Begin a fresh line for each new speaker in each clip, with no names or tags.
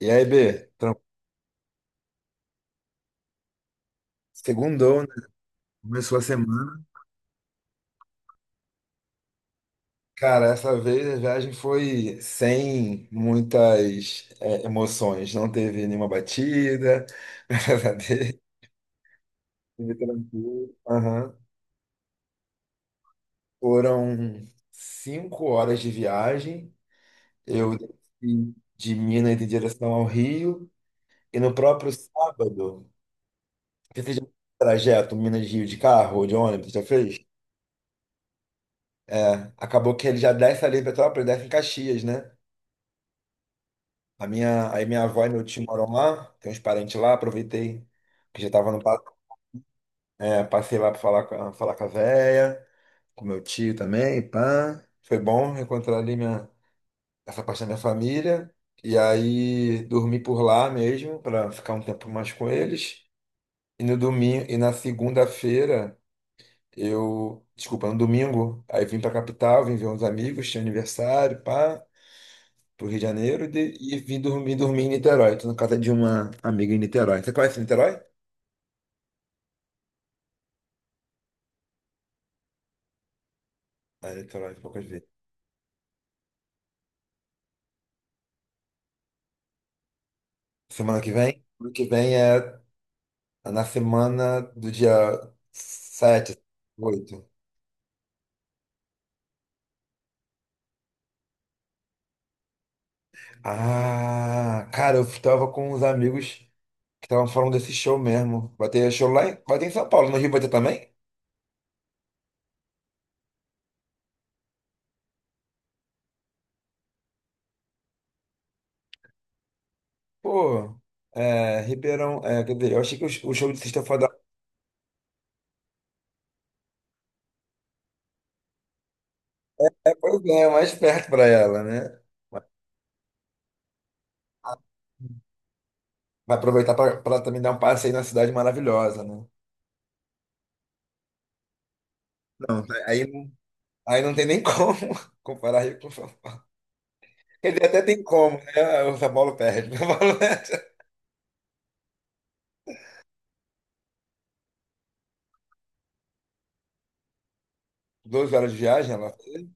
E aí, B, segundou, né? Começou a semana. Cara, essa vez a viagem foi sem muitas emoções. Não teve nenhuma batida, graças a Deus. Tive tranquilo. Aham. Foram 5 horas de viagem. Eu desci de Minas em direção ao Rio. E no próprio sábado, você já fez um trajeto Minas-Rio de carro ou de ônibus? Já fez? É, acabou que ele já desce ali em Petrópolis, desce em Caxias, né? Aí minha avó e meu tio moram lá, tem uns parentes lá, aproveitei que já tava no passei lá pra falar com a véia, com meu tio também, pá. Foi bom reencontrar ali essa parte da minha família. E aí dormi por lá mesmo, pra ficar um tempo mais com eles. E no domingo, e na segunda-feira, eu, desculpa, no domingo, aí vim pra capital, vim ver uns amigos, tinha aniversário, pá. Pro Rio de Janeiro e, e vim dormir em Niterói. Tô na casa de uma amiga em Niterói. Você conhece Niterói? Ah, Niterói, poucas vezes. Semana que vem? Semana que vem é na semana do dia 7, 8. Ah, cara, eu estava com uns amigos que estavam falando desse show mesmo. Vai ter show vai ter em São Paulo, no Rio vai ter também? Pô, Ribeirão, quer dizer, eu achei que o show de sexta-feira pois é, é mais perto pra ela, né? Vai aproveitar para também dar um passeio na cidade maravilhosa, né? Não, tá, aí, não tem nem como comparar Rio com São Paulo. Quer dizer, até tem como, né? O São Paulo perde. São Paulo perde. 12 horas de viagem ela vai fazer?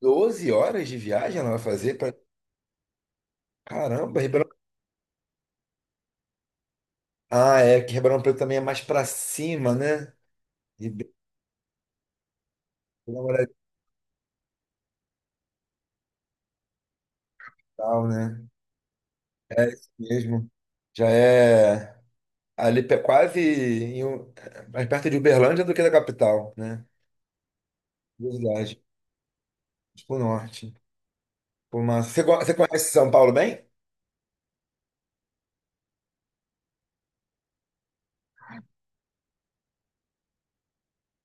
12 horas de viagem ela vai fazer? Pra... Caramba, Ribeirão. Ah, é que Ribeirão Preto também é mais para cima, né? Ribeirão Preto é tal, né? É isso mesmo. Já é ali quase mais perto de Uberlândia do que da capital, né? Verdade. Tipo norte. Pô, mas você conhece São Paulo bem?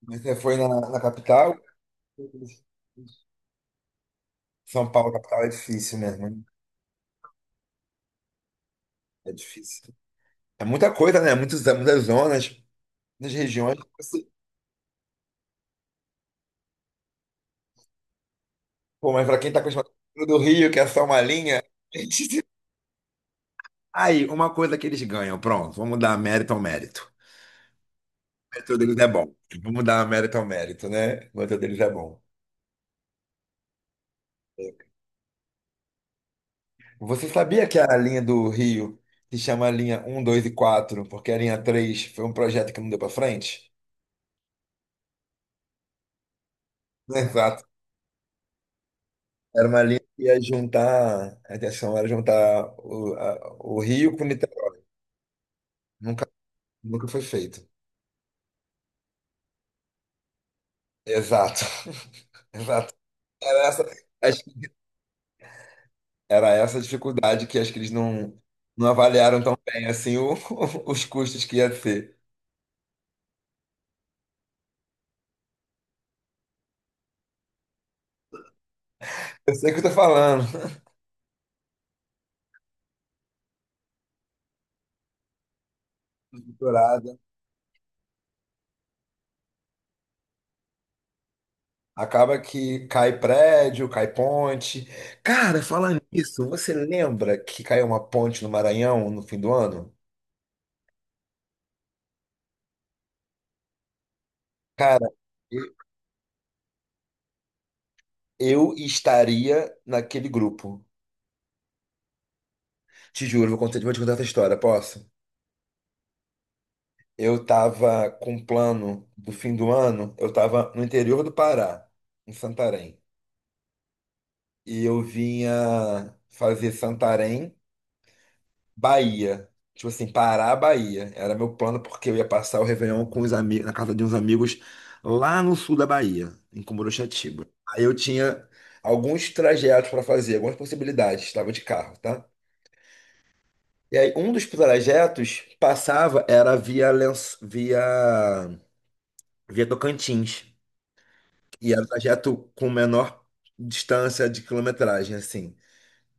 Você foi na capital? São Paulo, capital, é difícil mesmo, né? É difícil. É muita coisa, né? Muitos, muitas zonas, muitas regiões. Assim, pô, mas pra quem tá acostumado com o do Rio, que é só uma linha. Aí, uma coisa que eles ganham, pronto, vamos dar mérito ao mérito. O mérito deles é bom. Vamos dar mérito ao mérito, né? O mérito deles é bom. Você sabia que a linha do Rio se chama linha um, 2 e quatro, porque a linha 3 foi um projeto que não deu pra frente? Exato. Era uma linha que ia juntar, a intenção era juntar o Rio com Niterói. Nunca, nunca foi feito. Exato. Exato. Era essa, acho que era essa a dificuldade que acho que eles não avaliaram tão bem assim os custos que ia ser. Eu sei o que eu tô falando. Estruturada. Acaba que cai prédio, cai ponte. Cara, falando nisso, você lembra que caiu uma ponte no Maranhão no fim do ano? Cara, eu estaria naquele grupo. Te juro, vou te contar essa história, posso? Eu tava com um plano do fim do ano, eu tava no interior do Pará, em Santarém. E eu vinha fazer Santarém, Bahia. Tipo assim, Pará, Bahia. Era meu plano porque eu ia passar o Réveillon com os amigos, na casa de uns amigos lá no sul da Bahia, em Cumuruxatiba. Aí eu tinha alguns trajetos para fazer, algumas possibilidades, estava de carro, tá? E aí, um dos trajetos passava, era via Tocantins. E era o trajeto com menor distância de quilometragem, assim.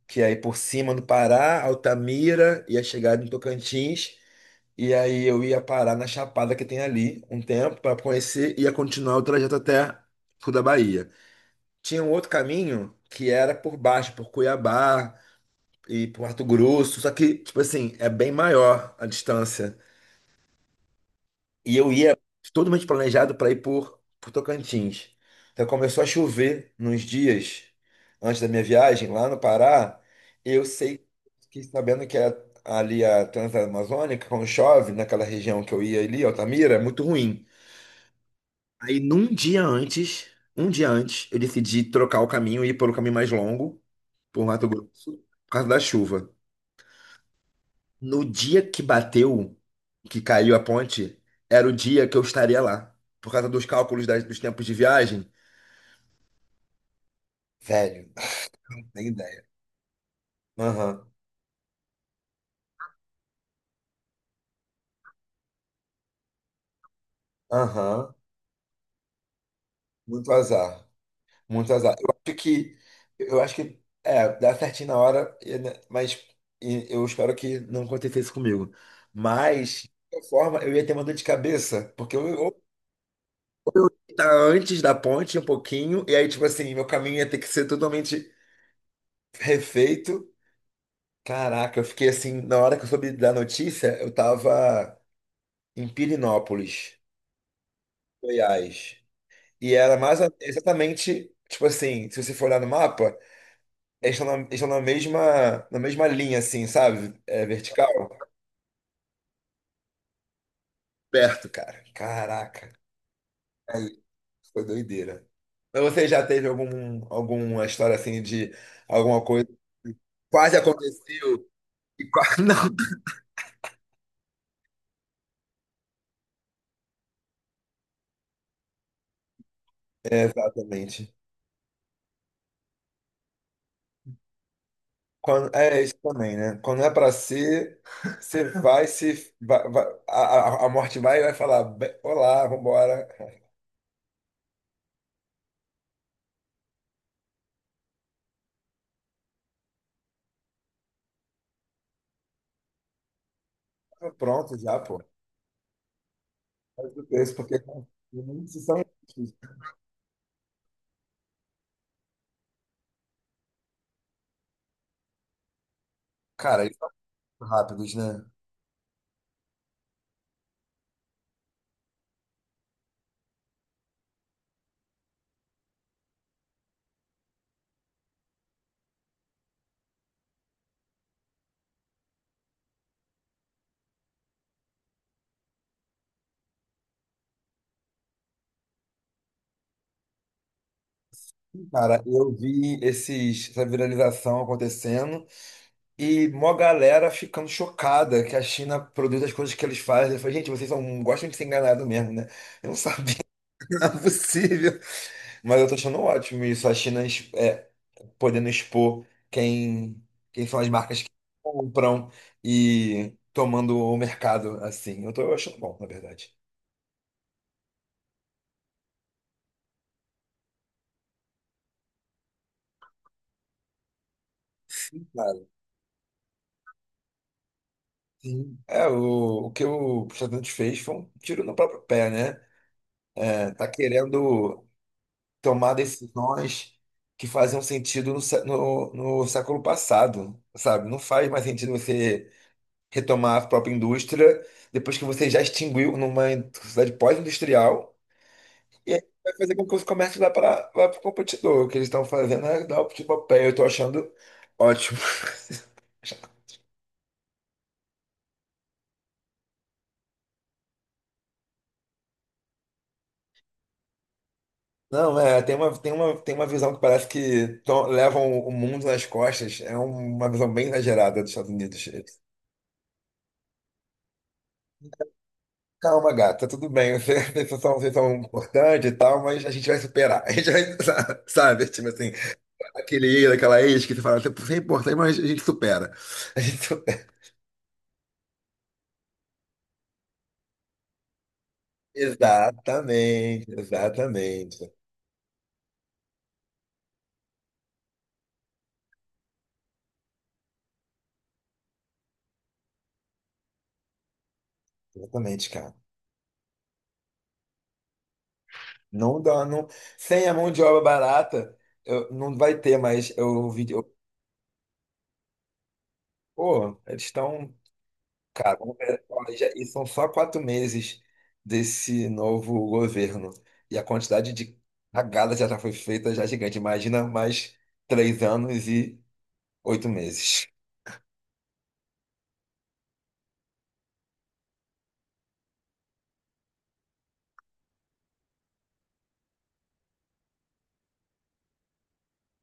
Que aí por cima do Pará, Altamira, ia chegar em Tocantins. E aí eu ia parar na Chapada que tem ali um tempo para conhecer e ia continuar o trajeto até sul da Bahia. Tinha um outro caminho que era por baixo, por Cuiabá e por Mato Grosso. Só que, tipo assim, é bem maior a distância. E eu ia totalmente planejado para ir por Tocantins. Então começou a chover nos dias antes da minha viagem, lá no Pará. Eu sei, fiquei sabendo que ali a Transamazônica, quando chove, naquela região que eu ia ali, Altamira, é muito ruim. Aí num dia antes, um dia antes, eu decidi trocar o caminho e ir pelo caminho mais longo, por Mato Grosso, por causa da chuva. No dia que bateu, que caiu a ponte, era o dia que eu estaria lá. Por causa dos cálculos dos tempos de viagem. Velho, nem ideia. Aham, aham. Muito azar. Muito azar. Eu acho que. Eu acho que. É, dá certinho na hora, né, mas e eu espero que não acontecesse comigo. Mas, de qualquer forma, eu ia ter uma dor de cabeça, porque eu ia estar antes da ponte um pouquinho, e aí, tipo assim, meu caminho ia ter que ser totalmente refeito. Caraca, eu fiquei assim, na hora que eu soube da notícia, eu tava em Pirinópolis, Goiás. E era mais exatamente, tipo assim, se você for olhar no mapa, eles estão na mesma linha, assim, sabe? É vertical. Perto, cara. Caraca. Aí, foi doideira. Mas você já teve algum, alguma história assim de alguma coisa que quase aconteceu? E quase. Não. É, exatamente. Quando, é isso também, né? Quando é pra ser, você vai se. Vai- vai- a morte vai e vai falar: Olá, vambora." Ah, pronto, já, pô. Faz o preço, porque muitos são. Cara, eles são muito rápidos, né? Cara, eu vi essa viralização acontecendo e mó galera ficando chocada que a China produz as coisas que eles fazem. Eu falei, gente, vocês são, gostam de ser enganado mesmo, né? Eu não sabia, não é possível. Mas eu tô achando ótimo isso, a China podendo expor quem são as marcas que compram e tomando o mercado assim. Eu tô achando bom, na verdade. Claro. Sim. É, o que o Presidente fez foi um tiro no próprio pé, né? É, tá querendo tomar decisões que faziam sentido no século passado, sabe? Não faz mais sentido você retomar a própria indústria depois que você já extinguiu numa sociedade pós-industrial. E aí vai fazer com que os comércios vá para o competidor. O que eles estão fazendo é dar o tipo a pé. Eu estou achando ótimo. Não, é, tem uma visão que parece que levam o mundo nas costas. É um, uma visão bem exagerada dos Estados Unidos. Calma, gata, tudo bem. Vocês são importantes e tal, mas a gente vai superar. A gente vai, sabe? Tipo assim, aquele ex, aquela ex que você fala, você é importante, mas a gente supera. A gente supera. Exatamente, exatamente. Exatamente, cara. Não dá, não. Sem a mão de obra barata, não vai ter mais. Eu ouvi. Pô, eles estão. Cara, vamos ver, olha, e são só 4 meses desse novo governo. E a quantidade de cagada já foi feita já é gigante. Imagina mais 3 anos e 8 meses.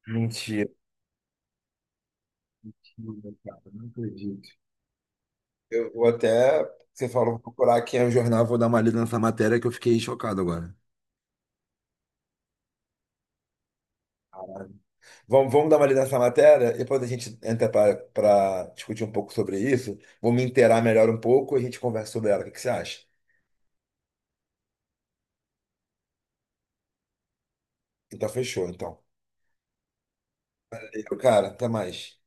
Mentira. Não, cara, não acredito. Eu vou até. Você falou, vou procurar aqui no jornal, vou dar uma lida nessa matéria que eu fiquei chocado agora. Vamos dar uma lida nessa matéria, depois a gente entra para discutir um pouco sobre isso. Vou me inteirar melhor um pouco e a gente conversa sobre ela. O que que você acha? Então, fechou, então. Valeu, cara, até mais.